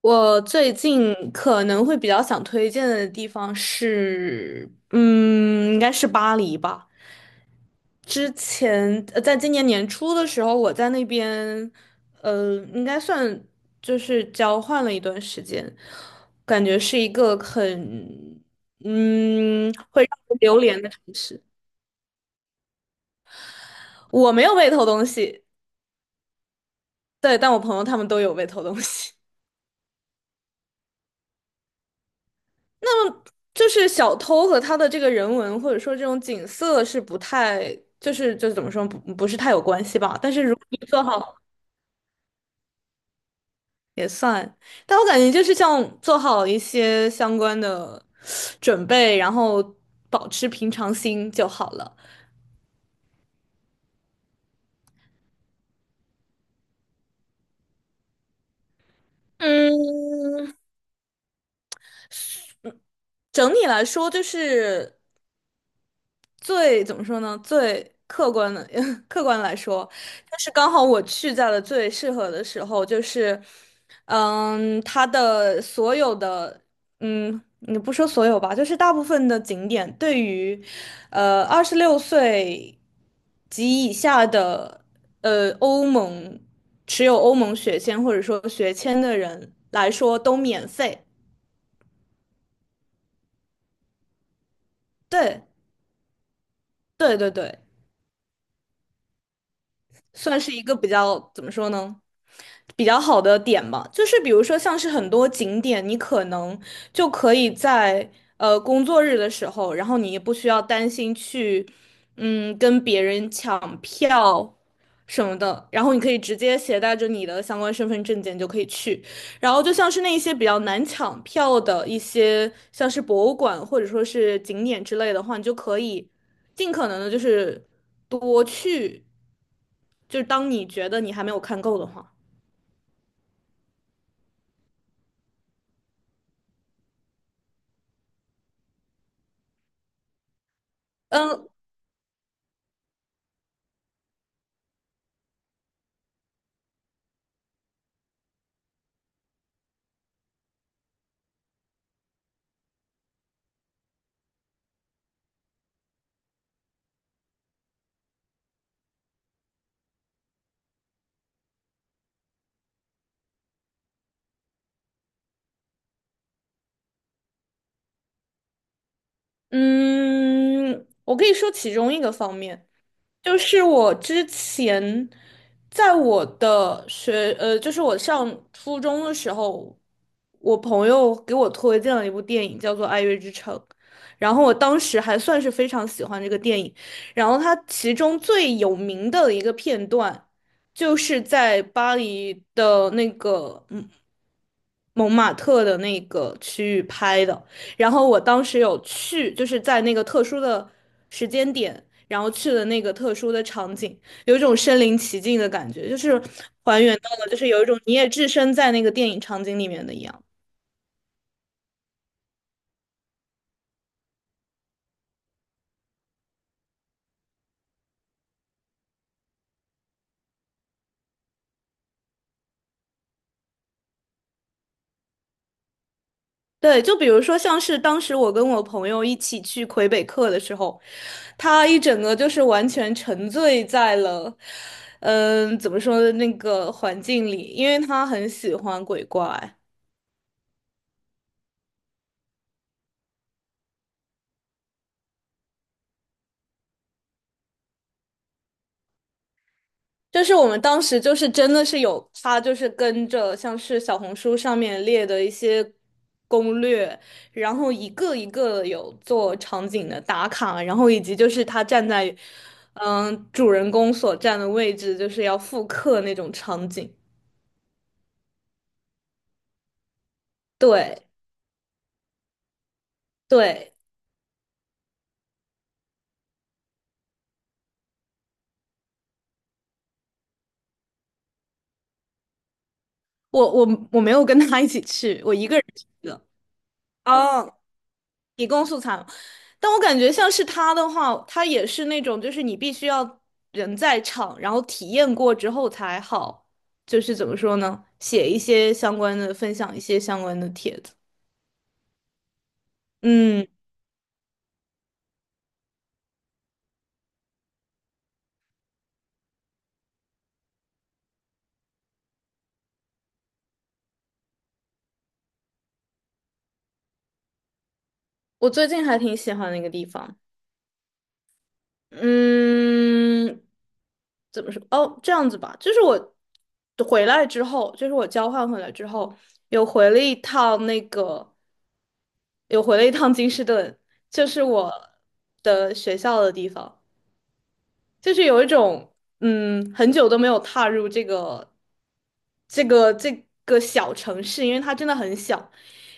我最近可能会比较想推荐的地方是，应该是巴黎吧。之前，在今年年初的时候，我在那边，应该算就是交换了一段时间，感觉是一个很，嗯，会让人流连的城市。我没有 被偷东西，对，但我朋友他们都有被偷东西。那么就是小偷和他的这个人文或者说这种景色是不太，就是怎么说不是太有关系吧。但是如果你做好也算，但我感觉就是像做好一些相关的准备，然后保持平常心就好了。嗯，整体来说就是最怎么说呢？最客观的 客观来说，就是刚好我去在了最适合的时候，它的所有的你不说所有吧，就是大部分的景点对于26岁及以下的欧盟持有欧盟学签或者说学签的人来说都免费。对对对对。算是一个比较，怎么说呢？比较好的点吧，就是比如说像是很多景点，你可能就可以在工作日的时候，然后你也不需要担心去跟别人抢票什么的，然后你可以直接携带着你的相关身份证件就可以去。然后就像是那一些比较难抢票的一些，像是博物馆或者说是景点之类的话，你就可以尽可能的就是多去。就是当你觉得你还没有看够的话，嗯嗯，我可以说其中一个方面，就是我之前在我的学，就是我上初中的时候，我朋友给我推荐了一部电影，叫做《爱乐之城》，然后我当时还算是非常喜欢这个电影，然后它其中最有名的一个片段，就是在巴黎的那个蒙马特的那个区域拍的，然后我当时有去，就是在那个特殊的时间点，然后去了那个特殊的场景，有一种身临其境的感觉，就是还原到了，就是有一种你也置身在那个电影场景里面的一样。对，就比如说像是当时我跟我朋友一起去魁北克的时候，他一整个就是完全沉醉在了，怎么说的那个环境里，因为他很喜欢鬼怪。就是我们当时就是真的是有他，就是跟着像是小红书上面列的一些攻略，然后一个一个有做场景的打卡，然后以及就是他站在主人公所站的位置，就是要复刻那种场景。对对，我没有跟他一起去，我一个人去的。哦提供素材嘛，但我感觉像是他的话，他也是那种，就是你必须要人在场，然后体验过之后才好，就是怎么说呢，写一些相关的，分享一些相关的帖子。嗯，我最近还挺喜欢那个地方，嗯，怎么说？哦，这样子吧，就是我回来之后，就是我交换回来之后，有回了一趟那个，有回了一趟金士顿，就是我的学校的地方。就是有一种很久都没有踏入这个这个小城市，因为它真的很小，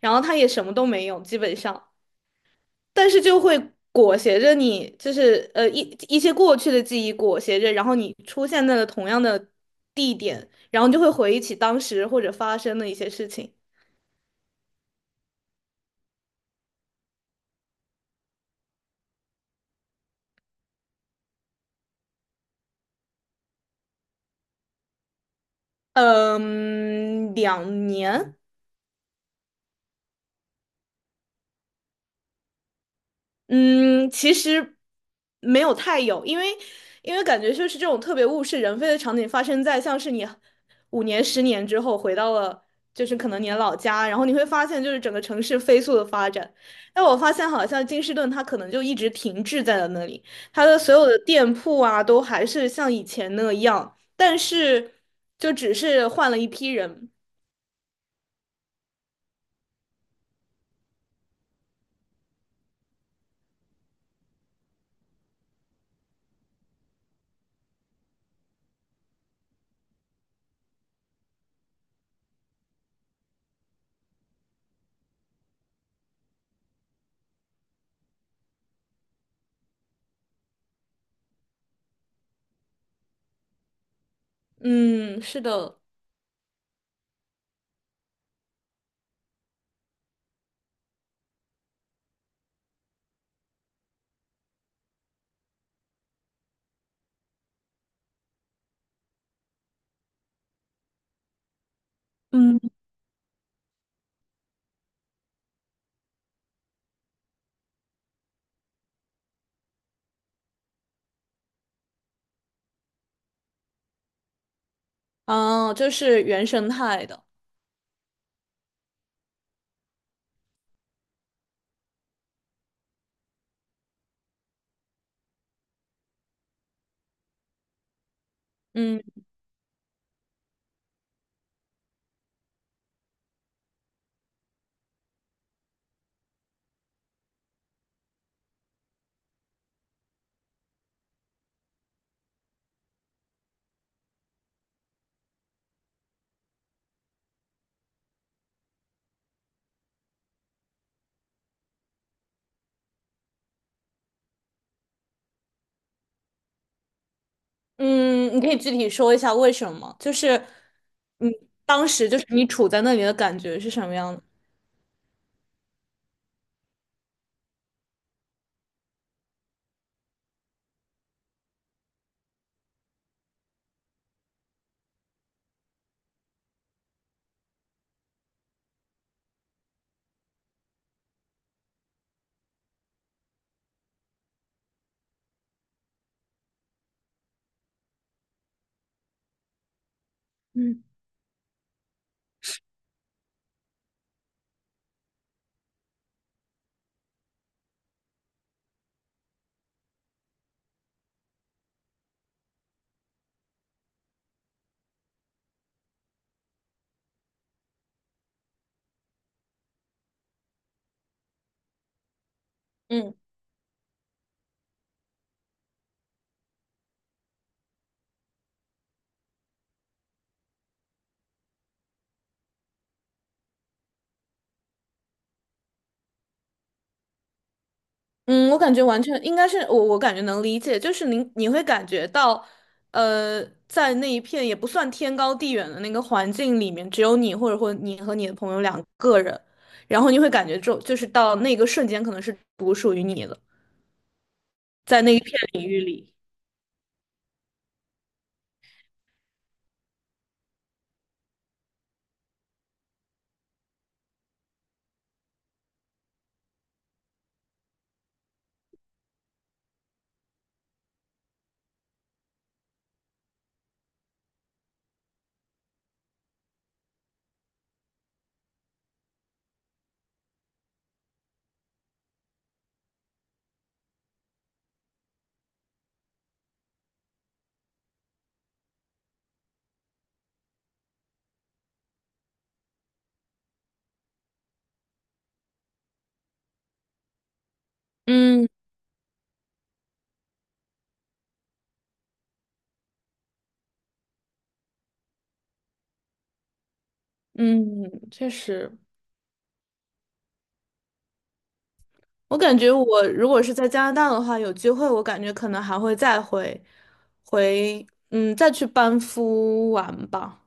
然后它也什么都没有，基本上，但是就会裹挟着你，就是一些过去的记忆裹挟着，然后你出现在了同样的地点，然后就会回忆起当时或者发生的一些事情。嗯，2年。嗯，其实没有太有，因为感觉就是这种特别物是人非的场景发生在像是你5年、10年之后回到了就是可能你的老家，然后你会发现就是整个城市飞速的发展。但我发现好像金士顿它可能就一直停滞在了那里，它的所有的店铺啊都还是像以前那样，但是就只是换了一批人。嗯，是的。嗯。哦，就是原生态的。嗯。嗯，你可以具体说一下为什么？嗯，当时就是你处在那里的感觉是什么样的？嗯嗯嗯，我感觉完全应该是我，我感觉能理解，就是你会感觉到，在那一片也不算天高地远的那个环境里面，只有你或者或你和你的朋友两个人，然后你会感觉就是到那个瞬间可能是独属于你的，在那一片领域里。嗯。嗯，确实。我感觉我如果是在加拿大的话，有机会我感觉可能还会再回回，再去班夫玩吧。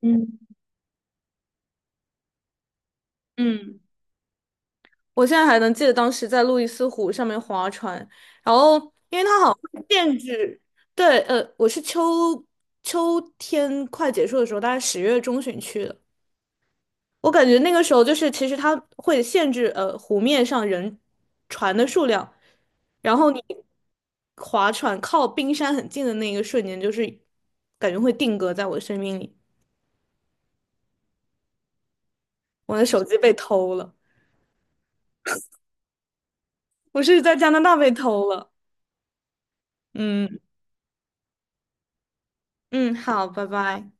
嗯。嗯，我现在还能记得当时在路易斯湖上面划船，然后因为它好像限制，对，我是秋天快结束的时候，大概10月中旬去的。我感觉那个时候就是，其实它会限制湖面上人船的数量，然后你划船靠冰山很近的那一个瞬间，就是感觉会定格在我的生命里。我的手机被偷了，我是在加拿大被偷了。嗯。嗯，好，拜拜。